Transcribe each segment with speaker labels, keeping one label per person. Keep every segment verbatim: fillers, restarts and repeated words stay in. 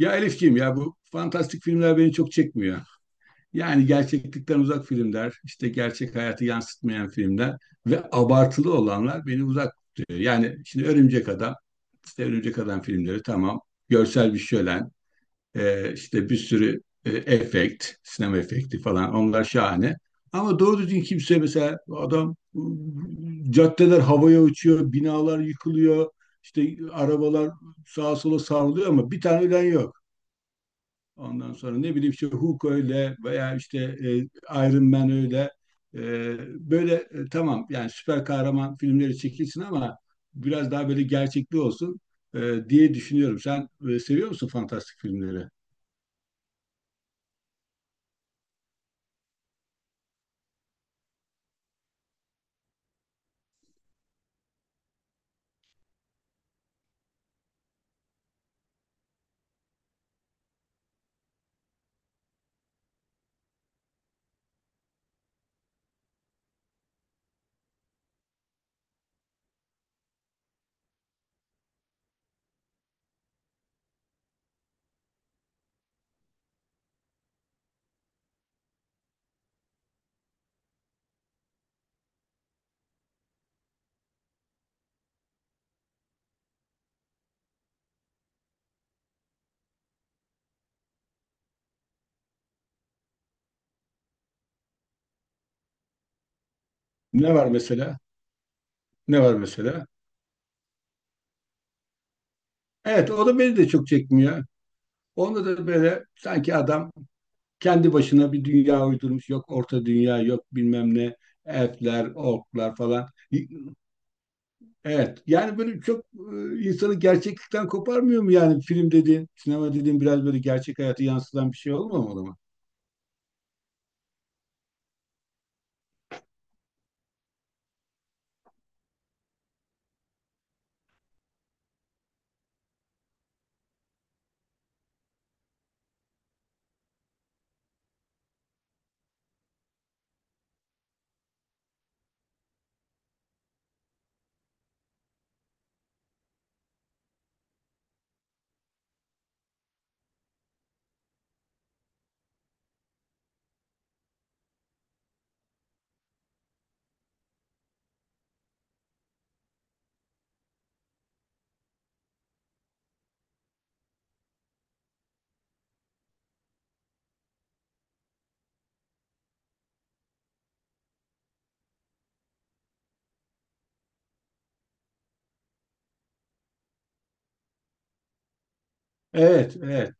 Speaker 1: Ya Elifciğim ya bu fantastik filmler beni çok çekmiyor. Yani gerçeklikten uzak filmler, işte gerçek hayatı yansıtmayan filmler ve abartılı olanlar beni uzak tutuyor. Yani şimdi Örümcek Adam, işte Örümcek Adam filmleri tamam, görsel bir şölen, e, işte bir sürü e, efekt, sinema efekti falan onlar şahane. Ama doğru düzgün kimse mesela adam e, caddeler havaya uçuyor, binalar yıkılıyor, işte arabalar sağa sola savruluyor ama bir tane ölen yok. Ondan sonra ne bileyim işte Hulk öyle veya işte e, Iron Man öyle. E, Böyle e, tamam yani süper kahraman filmleri çekilsin ama biraz daha böyle gerçekli olsun e, diye düşünüyorum. Sen e, seviyor musun fantastik filmleri? Ne var mesela? Ne var mesela? Evet o da beni de çok çekmiyor. Onda da böyle sanki adam kendi başına bir dünya uydurmuş. Yok orta dünya, yok bilmem ne, elfler, orklar falan. Evet. Yani böyle çok e, insanı gerçeklikten koparmıyor mu yani film dediğin, sinema dediğin biraz böyle gerçek hayatı yansıtan bir şey olmamalı mı? Evet, evet.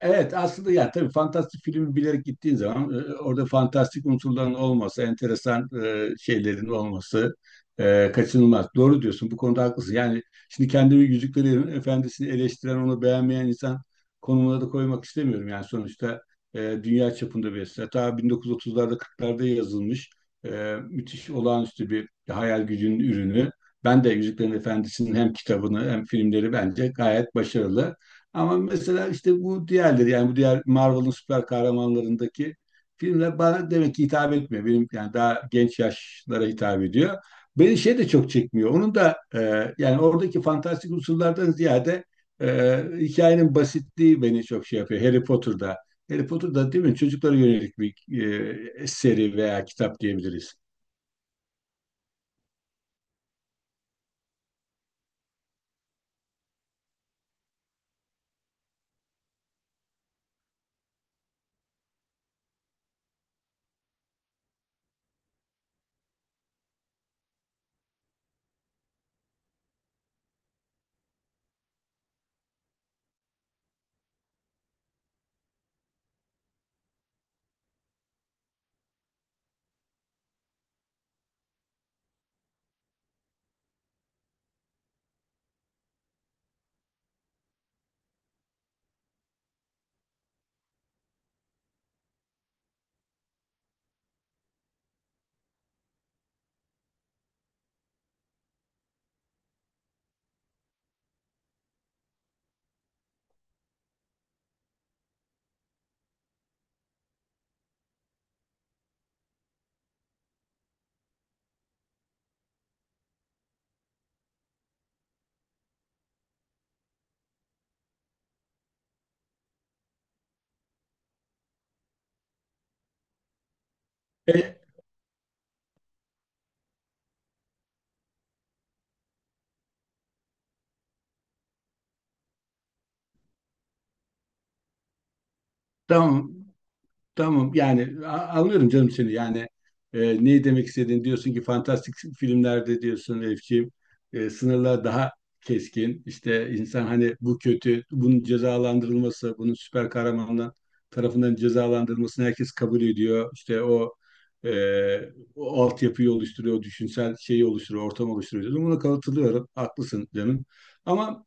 Speaker 1: Evet aslında ya tabii fantastik filmi bilerek gittiğin zaman e, orada fantastik unsurların olması, enteresan e, şeylerin olması e, kaçınılmaz. Doğru diyorsun, bu konuda haklısın. Yani şimdi kendimi Yüzüklerin Efendisi'ni eleştiren, onu beğenmeyen insan konumuna da koymak istemiyorum. Yani sonuçta e, dünya çapında bir eser. Ta bin dokuz yüz otuzlarda kırklarda yazılmış e, müthiş, olağanüstü bir hayal gücünün ürünü. Ben de Yüzüklerin Efendisi'nin hem kitabını hem filmleri bence gayet başarılı. Ama mesela işte bu diğerleri, yani bu diğer Marvel'ın süper kahramanlarındaki filmler bana demek ki hitap etmiyor. Benim yani daha genç yaşlara hitap ediyor. Beni şey de çok çekmiyor. Onun da e, yani oradaki fantastik unsurlardan ziyade e, hikayenin basitliği beni çok şey yapıyor. Harry Potter'da. Harry Potter'da değil mi? Çocuklara yönelik bir e, seri veya kitap diyebiliriz. E, tamam. Tamam yani a- anlıyorum canım seni, yani e, neyi demek istediğini diyorsun ki fantastik filmlerde, diyorsun Elifciğim e, sınırlar daha keskin, işte insan hani bu kötü, bunun cezalandırılması, bunun süper kahramanlar tarafından cezalandırılmasını herkes kabul ediyor, işte o e, o altyapıyı oluşturuyor, o düşünsel şeyi oluşturuyor, ortam oluşturuyor diyorsun. Buna katılıyorum, haklısın canım, ama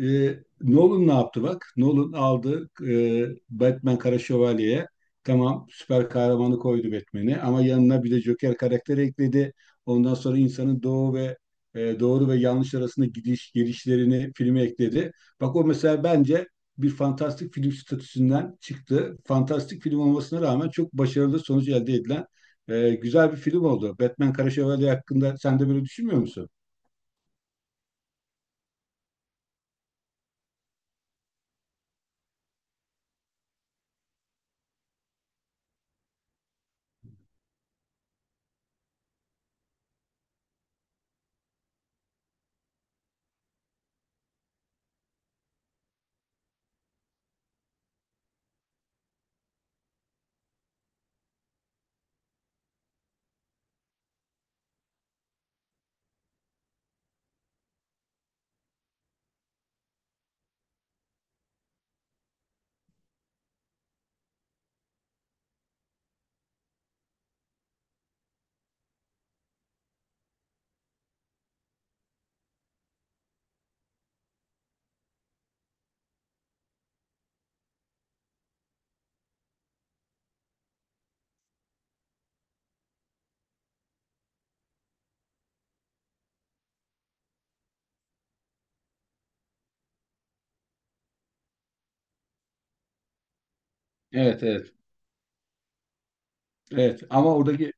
Speaker 1: e, Nolan ne yaptı bak? Nolan aldı e, Batman Kara Şövalye'ye. Tamam, süper kahramanı koydu Batman'i ama yanına bir de Joker karakteri ekledi. Ondan sonra insanın doğu ve e, doğru ve yanlış arasında gidiş gelişlerini filme ekledi. Bak o mesela bence bir fantastik film statüsünden çıktı. Fantastik film olmasına rağmen çok başarılı sonuç elde edilen e, güzel bir film oldu. Batman Kara Şövalye hakkında sen de böyle düşünmüyor musun? Evet, evet. Evet ama oradaki,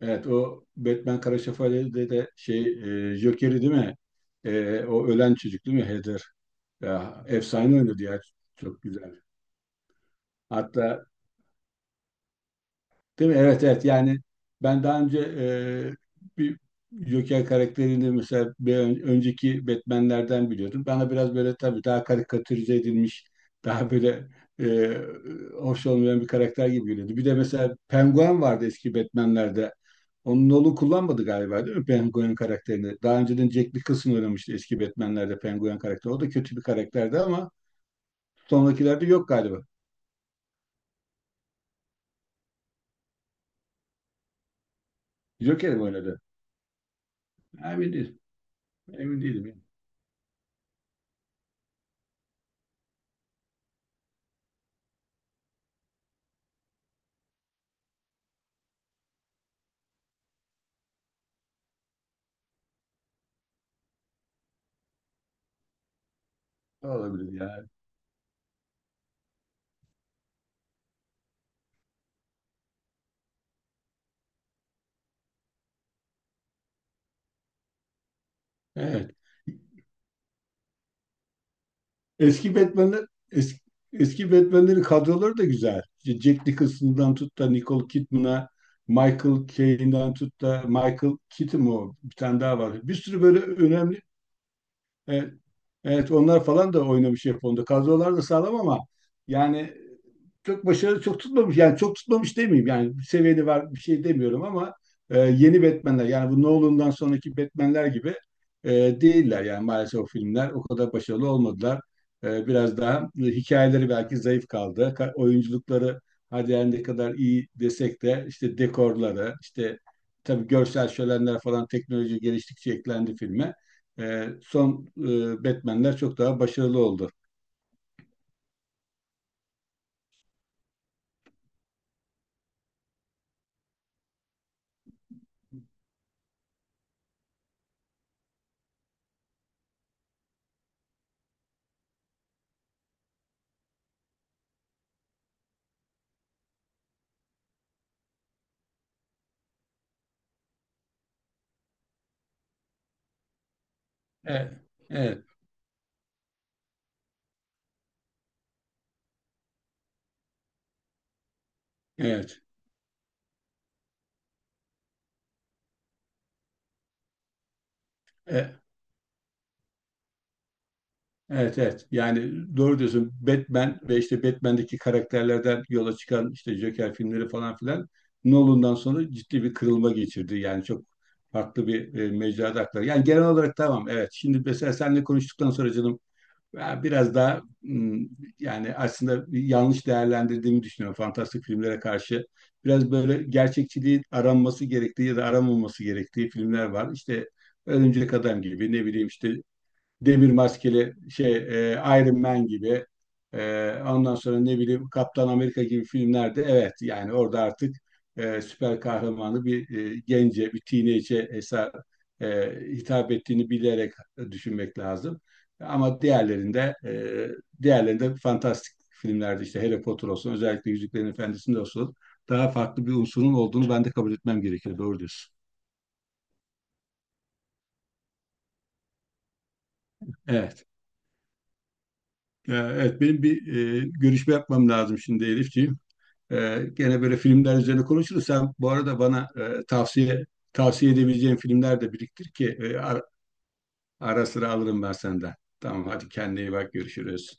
Speaker 1: evet o Batman Kara Şövalye'de de şey e, Joker'i değil mi? E, o ölen çocuk değil mi? Heather. Ya, efsane oynadı ya. Çok güzel. Hatta değil mi? Evet, evet, yani ben daha önce e, bir Joker karakterini mesela bir ön- önceki Batman'lerden biliyordum. Bana biraz böyle tabii daha karikatürize edilmiş, daha böyle e, hoş olmayan bir karakter gibi geliyordu. Bir de mesela Penguin vardı eski Batman'lerde. Onun Nolan kullanmadı galiba, değil mi, Penguin karakterini? Daha önceden Jack Nicholson oynamıştı eski Batman'lerde Penguin karakteri. O da kötü bir karakterdi ama sonrakilerde yok galiba. Joker mi oynadı? Emin değilim. Emin değilim ya. Olabilir ya. Evet. Eski Batman'ler, eski, eski Batman'lerin kadroları da güzel. İşte Jack Nicholson'dan tut da Nicole Kidman'a, Michael Caine'dan tut da Michael Keaton o? Bir tane daha var. Bir sürü böyle önemli, evet, evet onlar falan da oynamış Japonya'da. Kadrolar da sağlam ama yani çok başarılı, çok tutmamış. Yani çok tutmamış demeyeyim. Yani bir seviyeli var, bir şey demiyorum ama e, yeni Batman'ler, yani bu Nolan'dan sonraki Batman'ler gibi e, değiller. Yani maalesef o filmler o kadar başarılı olmadılar. E, biraz daha e, hikayeleri belki zayıf kaldı. Ka- oyunculukları hadi yani ne kadar iyi desek de, işte dekorları, işte tabii görsel şölenler falan teknoloji geliştikçe eklendi filme. E, son e, Batman'ler çok daha başarılı oldu. Evet, evet, evet. E, Evet, evet. Yani doğru diyorsun. Batman ve işte Batman'deki karakterlerden yola çıkan işte Joker filmleri falan filan Nolan'dan sonra ciddi bir kırılma geçirdi. Yani çok farklı bir e, mecrada aktardı. Yani genel olarak tamam, evet. Şimdi mesela seninle konuştuktan sonra canım, ben biraz daha hmm, yani aslında bir yanlış değerlendirdiğimi düşünüyorum fantastik filmlere karşı. Biraz böyle gerçekçiliği aranması gerektiği ya da aranmaması gerektiği filmler var. İşte Örümcek Adam gibi, ne bileyim işte demir maskeli şey e, Iron Man gibi e, ondan sonra ne bileyim Kaptan Amerika gibi filmlerde evet, yani orada artık e, süper kahramanı bir e, gence, bir teenage'e eser e, hitap ettiğini bilerek düşünmek lazım. Ama diğerlerinde e, diğerlerinde fantastik filmlerde işte Harry Potter olsun, özellikle Yüzüklerin Efendisi'nde olsun, daha farklı bir unsurun olduğunu ben de kabul etmem gerekiyor. Doğru diyorsun. Evet. Ya, evet, benim bir e, görüşme yapmam lazım şimdi Elifciğim. Ee, gene böyle filmler üzerine konuşuruz. Sen bu arada bana e, tavsiye tavsiye edebileceğin filmler de biriktir ki e, ara, ara sıra alırım ben senden. Tamam, hadi kendine iyi bak, görüşürüz.